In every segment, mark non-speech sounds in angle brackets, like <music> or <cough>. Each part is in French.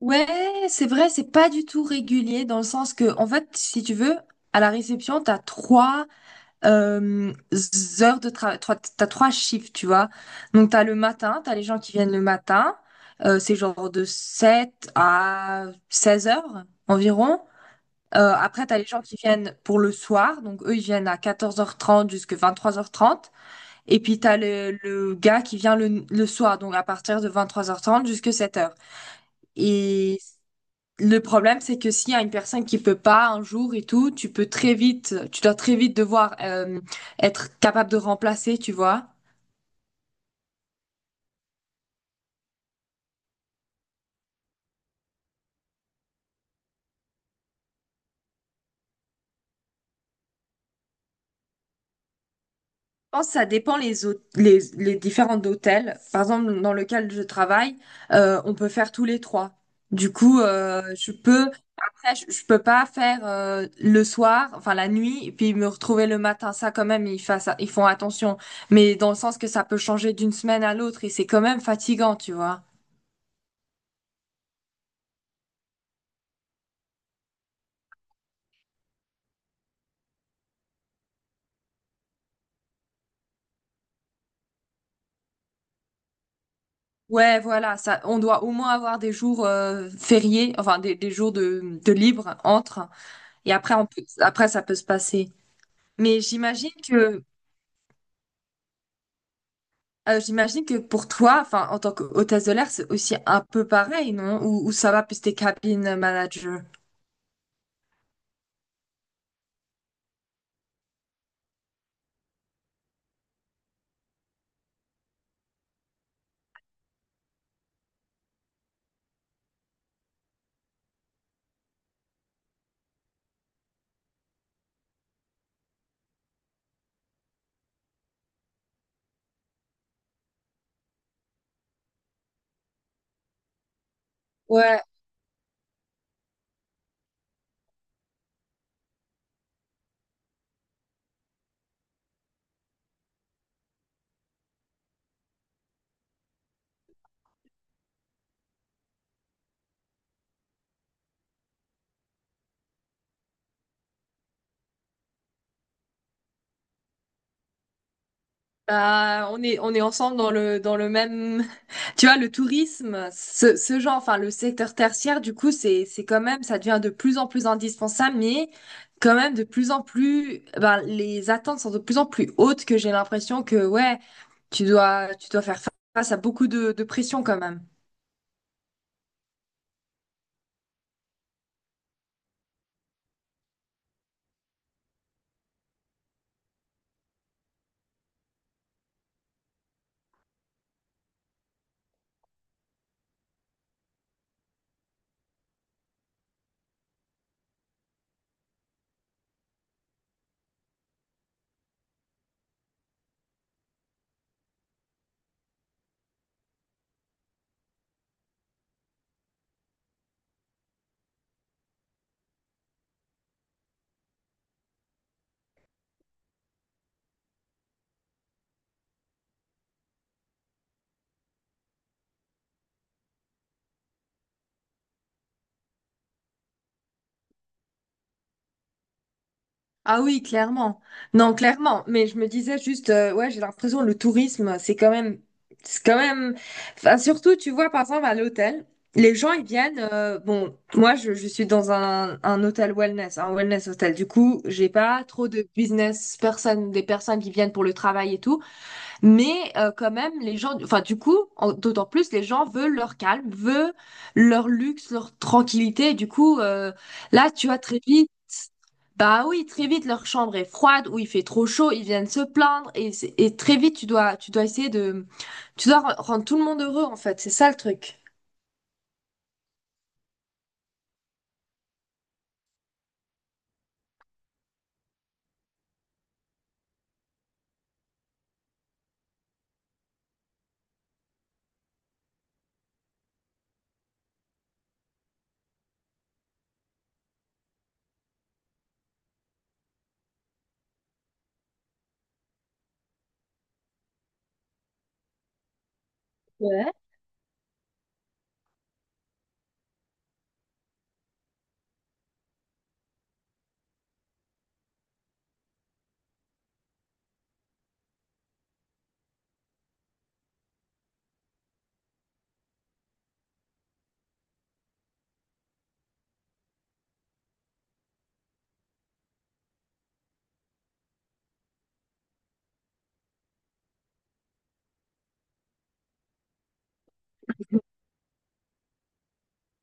Ouais, c'est vrai, c'est pas du tout régulier dans le sens que, en fait, si tu veux, à la réception, t'as trois euh, heures de travail, t'as trois chiffres, tu vois. Donc, t'as le matin, t'as les gens qui viennent le matin, c'est genre de 7 h à 16 h environ. Après, t'as les gens qui viennent pour le soir, donc eux, ils viennent à 14h30 jusqu'à 3 h 30. Et puis, t'as le gars qui vient le soir, donc à partir de 23h30 jusqu'à 7 h. Et le problème, c'est que s'il y a une personne qui peut pas un jour et tout, tu dois très vite devoir être capable de remplacer, tu vois. Je pense que ça dépend les différents hôtels. Par exemple, dans lequel je travaille, on peut faire tous les trois. Du coup, après, je peux pas faire le soir, enfin la nuit, et puis me retrouver le matin. Ça, quand même, ils font attention. Mais dans le sens que ça peut changer d'une semaine à l'autre et c'est quand même fatigant, tu vois. Ouais, voilà, ça, on doit au moins avoir des jours fériés, enfin des jours de libre entre, et après ça peut se passer. Mais j'imagine que pour toi, enfin en tant qu'hôtesse de l'air, c'est aussi un peu pareil, non? Ou ça va plus tes cabines manager? Ouais, bah, on est ensemble dans le même, <laughs> tu vois, le tourisme, ce genre, enfin, le secteur tertiaire, du coup, c'est quand même, ça devient de plus en plus indispensable, mais quand même de plus en plus, ben, les attentes sont de plus en plus hautes que j'ai l'impression que, ouais, tu dois faire face à beaucoup de pression quand même. Ah oui, clairement. Non, clairement. Mais je me disais juste, ouais, j'ai l'impression que le tourisme, c'est quand même. Enfin, surtout, tu vois, par exemple, à l'hôtel, les gens ils viennent. Bon, moi, je suis dans un hôtel wellness, un wellness hôtel. Du coup, j'ai pas trop de business personnes, des personnes qui viennent pour le travail et tout. Mais quand même, les gens, enfin du coup, d'autant plus, les gens veulent leur calme, veulent leur luxe, leur tranquillité. Et du coup, là, tu vois, très vite, bah oui, très vite, leur chambre est froide ou il fait trop chaud, ils viennent se plaindre et, et très vite, tu dois essayer de, tu dois re- rendre tout le monde heureux en fait. C'est ça le truc.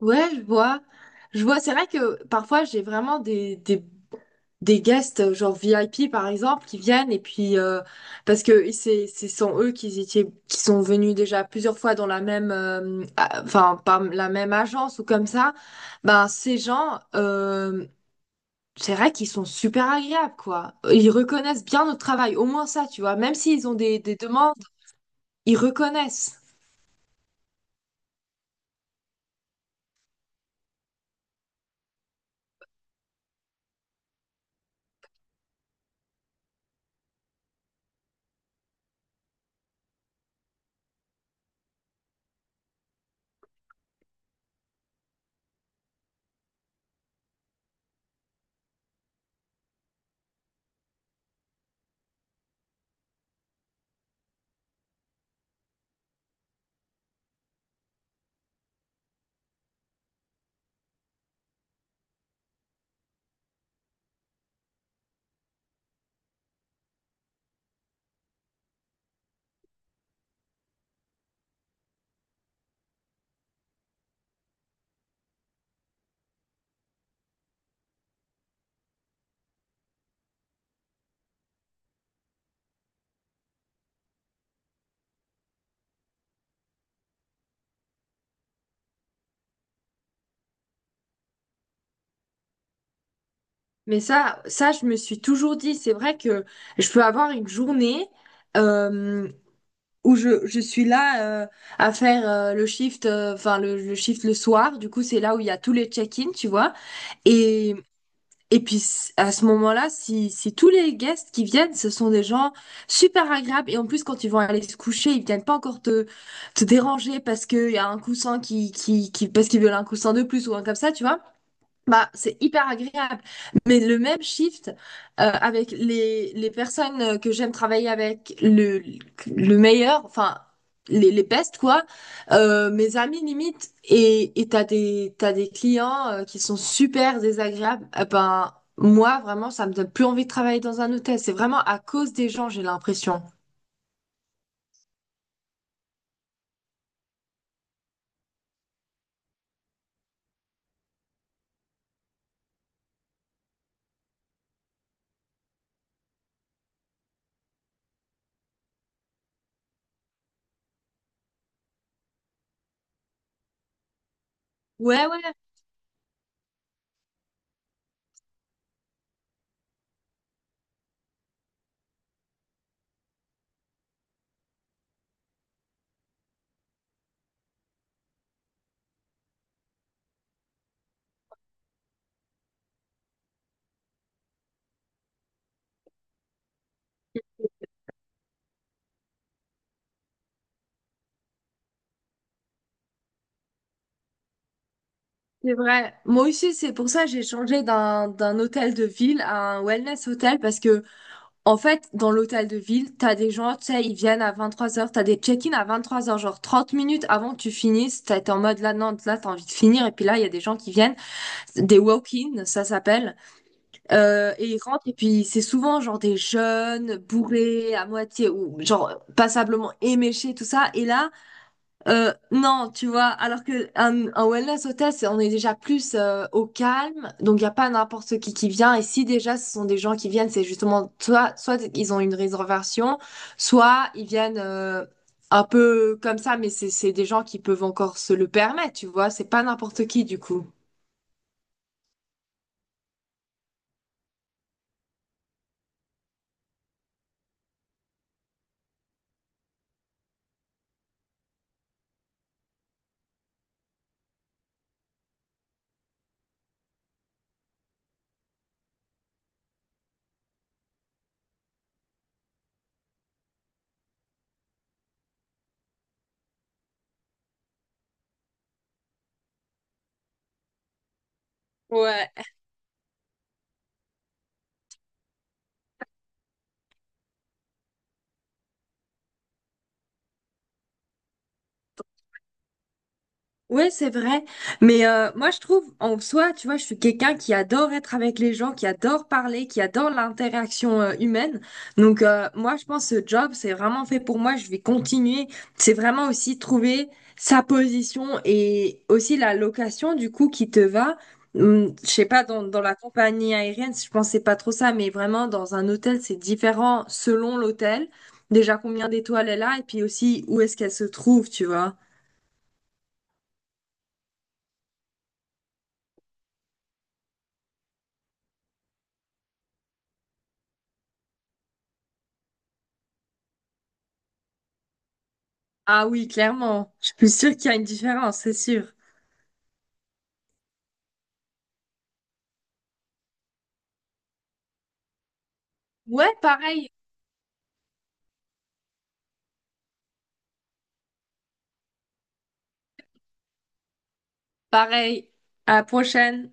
Ouais, je vois, je vois. C'est vrai que parfois, j'ai vraiment des guests genre VIP par exemple qui viennent et puis parce que c'est sont eux qui étaient qui sont venus déjà plusieurs fois dans la même enfin par la même agence ou comme ça. Ben ces gens, c'est vrai qu'ils sont super agréables, quoi. Ils reconnaissent bien notre travail, au moins ça, tu vois. Même s'ils ont des demandes, ils reconnaissent. Mais ça je me suis toujours dit, c'est vrai que je peux avoir une journée euh, où je suis là, à faire le shift, enfin le shift le soir. Du coup, c'est là où il y a tous les check-in, tu vois. Et, et puis à ce moment-là, si tous les guests qui viennent, ce sont des gens super agréables. Et en plus, quand ils vont aller se coucher, ils viennent pas encore te déranger parce qu'il y a un coussin qui parce qu'ils veulent un coussin de plus ou un comme ça, tu vois. Bah, c'est hyper agréable. Mais le même shift, avec les personnes, que j'aime travailler avec, le meilleur, enfin, les best, quoi, mes amis limite, et t'as des clients qui sont super désagréables, eh ben, moi, vraiment, ça me donne plus envie de travailler dans un hôtel. C'est vraiment à cause des gens, j'ai l'impression. Ouais, ouais, c'est vrai. Moi aussi, c'est pour ça que j'ai changé d'un hôtel de ville à un wellness hôtel parce que en fait, dans l'hôtel de ville, t'as des gens, tu sais, ils viennent à 23 heures, t'as des check-in à 23 heures, genre 30 minutes avant que tu finisses, t'es en mode là, non, là, t'as envie de finir, et puis là, il y a des gens qui viennent, des walk-in, ça s'appelle, et ils rentrent, et puis c'est souvent genre des jeunes, bourrés, à moitié, ou genre passablement éméchés, tout ça, et là, non, tu vois, alors que un wellness hôtel, c'est, on est déjà plus, au calme, donc il n'y a pas n'importe qui vient. Et si déjà ce sont des gens qui viennent, c'est justement soit ils ont une réservation, soit ils viennent un peu comme ça, mais c'est des gens qui peuvent encore se le permettre, tu vois. C'est pas n'importe qui du coup. Ouais. Ouais, c'est vrai. Mais moi, je trouve, en soi, tu vois, je suis quelqu'un qui adore être avec les gens, qui adore parler, qui adore l'interaction, humaine. Donc, moi, je pense que ce job, c'est vraiment fait pour moi. Je vais continuer. C'est vraiment aussi trouver sa position et aussi la location, du coup, qui te va. Je sais pas, dans la compagnie aérienne, je pensais pas trop ça, mais vraiment, dans un hôtel, c'est différent selon l'hôtel. Déjà, combien d'étoiles elle a et puis aussi où est-ce qu'elle se trouve, tu vois. Ah oui, clairement. Je suis sûre qu'il y a une différence, c'est sûr. Ouais, pareil, pareil. À la prochaine.